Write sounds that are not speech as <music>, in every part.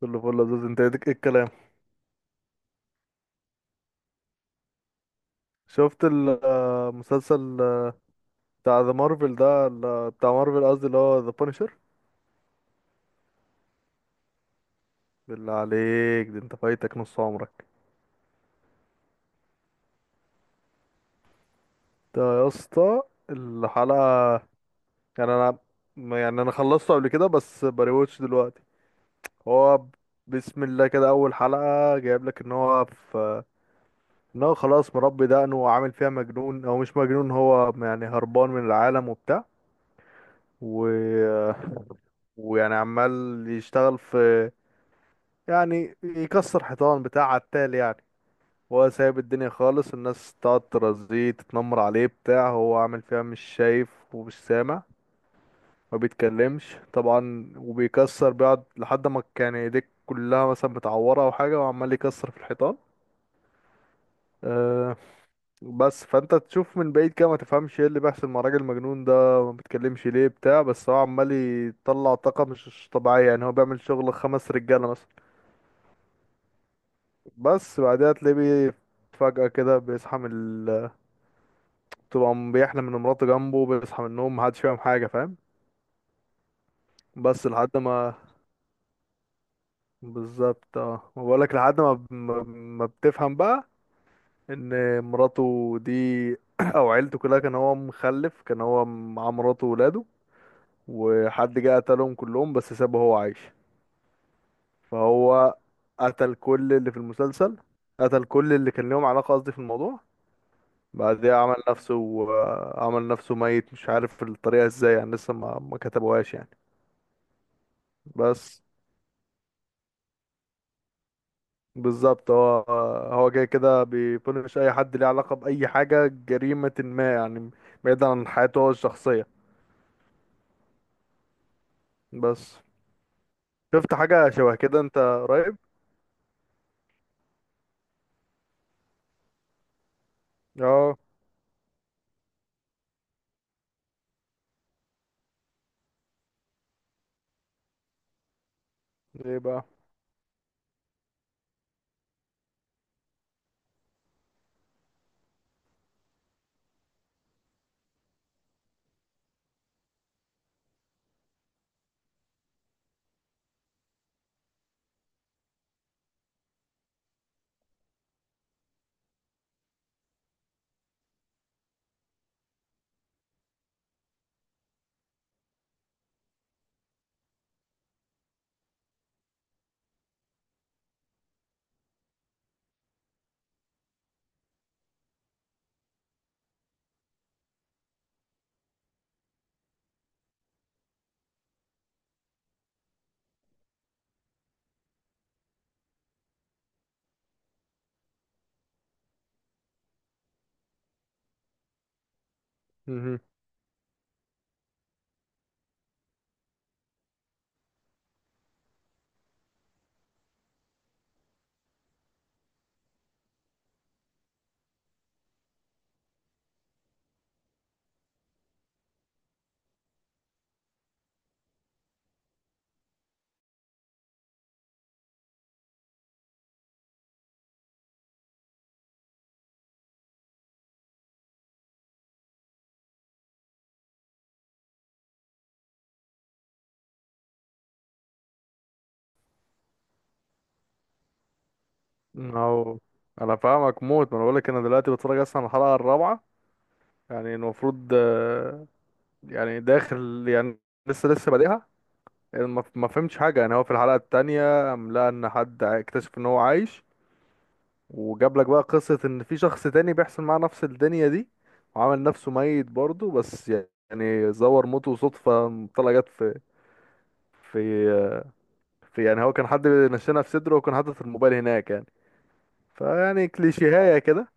كله فل لذيذ، انت ايه الكلام؟ شفت المسلسل بتاع ذا مارفل ده بتاع مارفل، قصدي اللي هو ذا بانشر. بالله عليك، ده انت فايتك نص عمرك. ده يا اسطى الحلقة، يعني انا يعني انا خلصته قبل كده بس بريوتش دلوقتي. هو ب- بسم الله كده اول حلقة جايب لك ان هو في، ان هو خلاص مربي دقنه وعامل فيها مجنون او مش مجنون، هو يعني هربان من العالم وبتاع و... ويعني عمال يشتغل في، يعني يكسر حيطان بتاع عتال يعني. هو سايب الدنيا خالص، الناس تقعد ترازيه تتنمر عليه بتاع، هو عامل فيها مش شايف ومش سامع، ما بيتكلمش طبعا وبيكسر، بيقعد لحد ما كان ايديك كلها مثلا متعورة او حاجة وعمال يكسر في الحيطان. أه. بس فانت تشوف من بعيد كده ما تفهمش ايه اللي بيحصل مع الراجل المجنون ده. ما بيتكلمش ليه بتاع، بس هو عمال يطلع طاقة مش طبيعية، يعني هو بيعمل شغل خمس رجالة مثلا. بس بعدها تلاقيه فجأة كده بيصحى من تبقى بيحلم ان مراته جنبه، بيصحى من النوم محدش فاهم حاجة، فاهم؟ بس لحد ما، بالظبط اه، ما بقولك لحد ما بتفهم بقى ان مراته دي <clears throat> او عيلته كلها، كان هو مخلف، كان هو مع مراته وولاده، وحد جه قتلهم كلهم بس سابه هو عايش. فهو قتل كل اللي في المسلسل، قتل كل اللي كان ليهم علاقة، قصدي في الموضوع. بعدها عمل نفسه، عمل نفسه ميت، مش عارف الطريقة ازاي يعني، لسه ما كتبوهاش يعني. بس بالظبط. هو جاي كده بيبونش اي حد ليه علاقة بأي حاجة جريمة ما يعني، بعيدا عن حياته هو الشخصية. بس شفت حاجة شبه كده انت قريب؟ اه. ايه بقى؟ مهم. اهو. انا فاهمك موت، ما انا بقولك انا دلوقتي بتفرج اصلا على الحلقة الرابعة. يعني المفروض يعني داخل يعني، لسه بادئها. ما فهمتش حاجة يعني. هو في الحلقة التانية قام لقى ان حد اكتشف ان هو عايش، وجاب لك بقى قصة ان في شخص تاني بيحصل معاه نفس الدنيا دي، وعمل نفسه ميت برضه، بس يعني زور موته صدفة. طلع جت في في يعني، هو كان حد نشنها في صدره وكان حاطط الموبايل هناك يعني، فيعني كليشيهاية كده.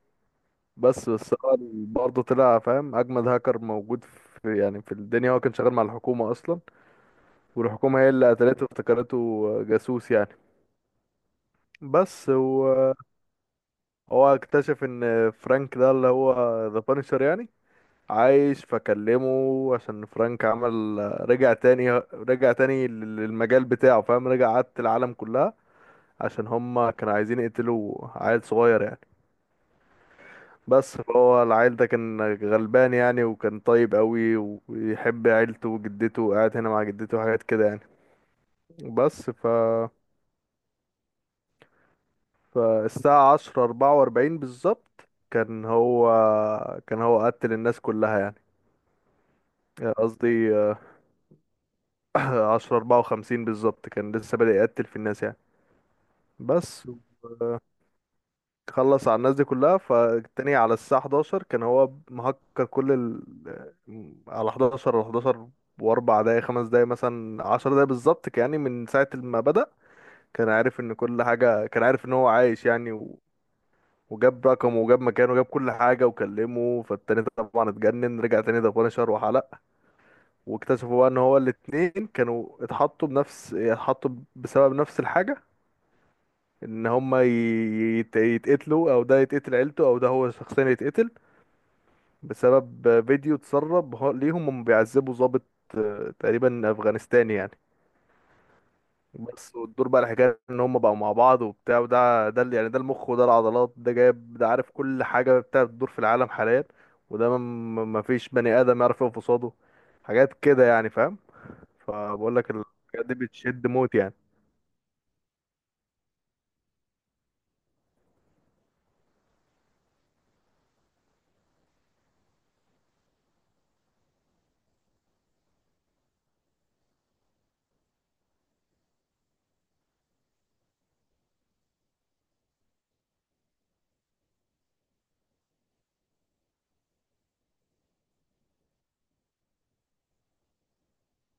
بس هو برضه طلع فاهم اجمد هاكر موجود في، يعني في الدنيا. هو كان شغال مع الحكومة اصلا، والحكومة هي اللي قتلته وافتكرته جاسوس يعني. بس و، هو اكتشف ان فرانك ده اللي هو ذا بانشر يعني عايش، فكلمه عشان فرانك عمل، رجع تاني للمجال بتاعه، فاهم، رجع عاد العالم كلها، عشان هما كانوا عايزين يقتلوا عيل صغير يعني. بس فهو العيل ده كان غلبان يعني وكان طيب قوي، ويحب عيلته وجدته، وقاعد هنا مع جدته وحاجات كده يعني. بس ف، فالساعة عشرة أربعة وأربعين بالظبط كان هو قتل الناس كلها يعني. يعني قصدي <clears throat> عشرة أربعة وخمسين بالظبط كان لسه بادئ يقتل في الناس يعني. بس خلص على الناس دي كلها. فالتاني على الساعة 11 كان هو مهكر كل ال... آه، على 11، على 11، وأربع دقايق، خمس دقايق مثلا، عشر دقايق بالظبط كان، يعني من ساعة ما بدأ كان عارف إن كل حاجة، كان عارف إن هو عايش يعني وجاب رقمه وجاب مكانه وجاب كل حاجة وكلمه. فالتاني طبعا اتجنن، رجع تاني ده بونشر وحلق. واكتشفوا بقى ان هو الاتنين كانوا اتحطوا بنفس اتحطوا بسبب نفس الحاجة. ان هما يتقتلوا، او ده يتقتل عيلته، او ده هو شخصيا يتقتل، بسبب فيديو اتسرب ليهم. هم بيعذبوا ضابط تقريبا افغانستاني يعني. بس والدور بقى، الحكاية ان هم بقوا مع بعض وبتاع. وده يعني ده المخ وده العضلات، ده جايب، ده عارف كل حاجة بتاع الدور في العالم حاليا. وده ما فيش بني آدم يعرف يقف قصاده، حاجات كده يعني، فاهم؟ فبقول لك الحاجات دي بتشد موت يعني.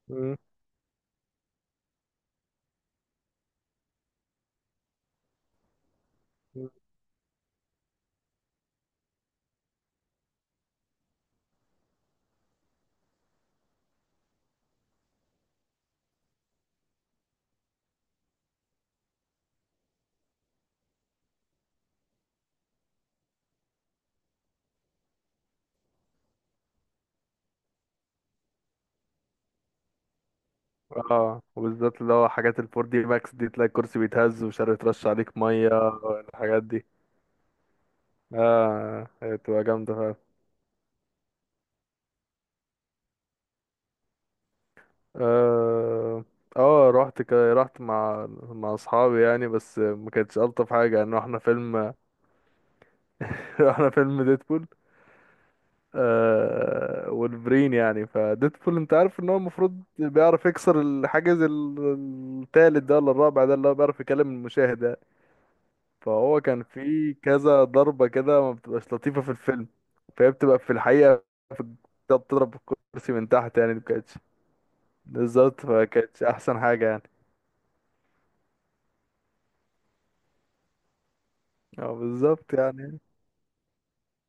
مم. مم. اه، وبالذات اللي هو حاجات الفور دي ماكس دي، تلاقي الكرسي بيتهز ومش عارف يترش عليك ميه. الحاجات دي، اه، هي بتبقى جامده فعلا. اه. اه، رحت رحت مع اصحابي يعني، بس ما كانتش الطف حاجه يعني. رحنا فيلم <laughs> رحنا فيلم ديدبول. آه، والبرين يعني. فديدبول انت عارف ان هو المفروض بيعرف يكسر الحاجز التالت ده ولا الرابع ده، اللي هو بيعرف يكلم المشاهد يعني. فهو كان في كذا ضربة كده ما بتبقاش لطيفة في الفيلم. فهي بتبقى في الحقيقة، في الكتاب، بتضرب الكرسي من تحت يعني، مكانتش بالظبط، فكانتش أحسن حاجة يعني. اه، بالظبط يعني.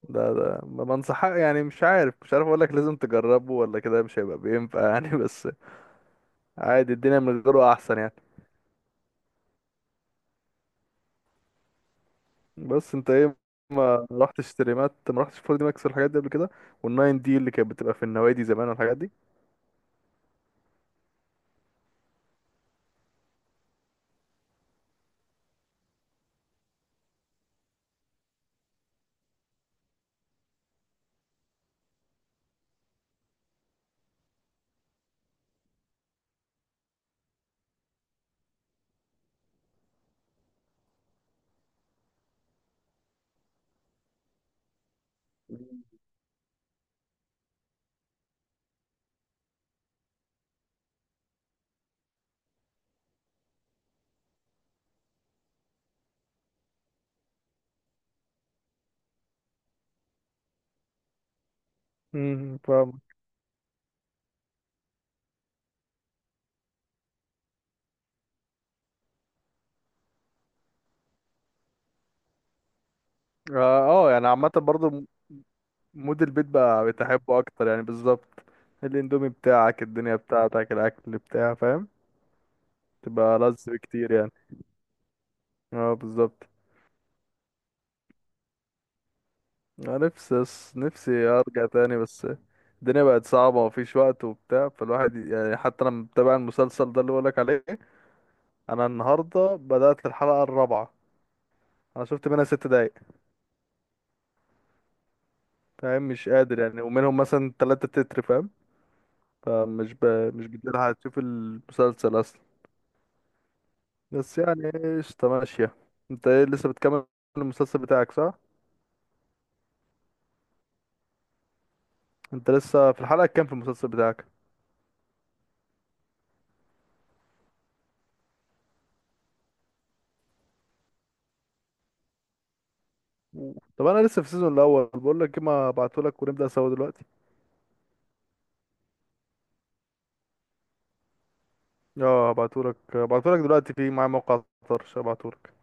ده ما بنصح يعني، مش عارف أقولك لازم تجربه ولا كده، مش هيبقى بينفع يعني <laughs> بس عادي، الدنيا من غيره أحسن يعني. بس أنت إيه، ما رحتش تريمات، ما رحتش 4 دي ماكس والحاجات دي قبل كده، والناين دي اللي كانت بتبقى في النوادي زمان والحاجات دي؟ فاهم. اه. يعني عامة برضو مود البيت بقى بتحبه اكتر يعني. بالظبط. الاندومي بتاعك، الدنيا بتاعتك، الاكل بتاع، فاهم؟ تبقى لذ بكتير يعني. اه بالظبط. انا نفسي نفسي ارجع تاني، بس الدنيا بقت صعبة ومفيش وقت وبتاع. فالواحد يعني حتى انا متابع المسلسل ده اللي بقولك عليه، انا النهاردة بدأت الحلقة الرابعة، انا شفت منها 6 دقايق، فاهم؟ مش قادر يعني، ومنهم مثلا تلاتة تتر، فاهم؟ فمش ب... مش بتلحق تشوف المسلسل اصلا. بس يعني قشطة، ماشية. انت ايه، لسه بتكمل المسلسل بتاعك صح؟ انت لسه في الحلقة كام في المسلسل بتاعك؟ طب انا لسه في السيزون الاول بقول لك ايه ما ابعتهولك ونبدأ سوا دلوقتي اه هبعتهولك هبعتهولك دلوقتي في معايا موقع طرش هبعتهولك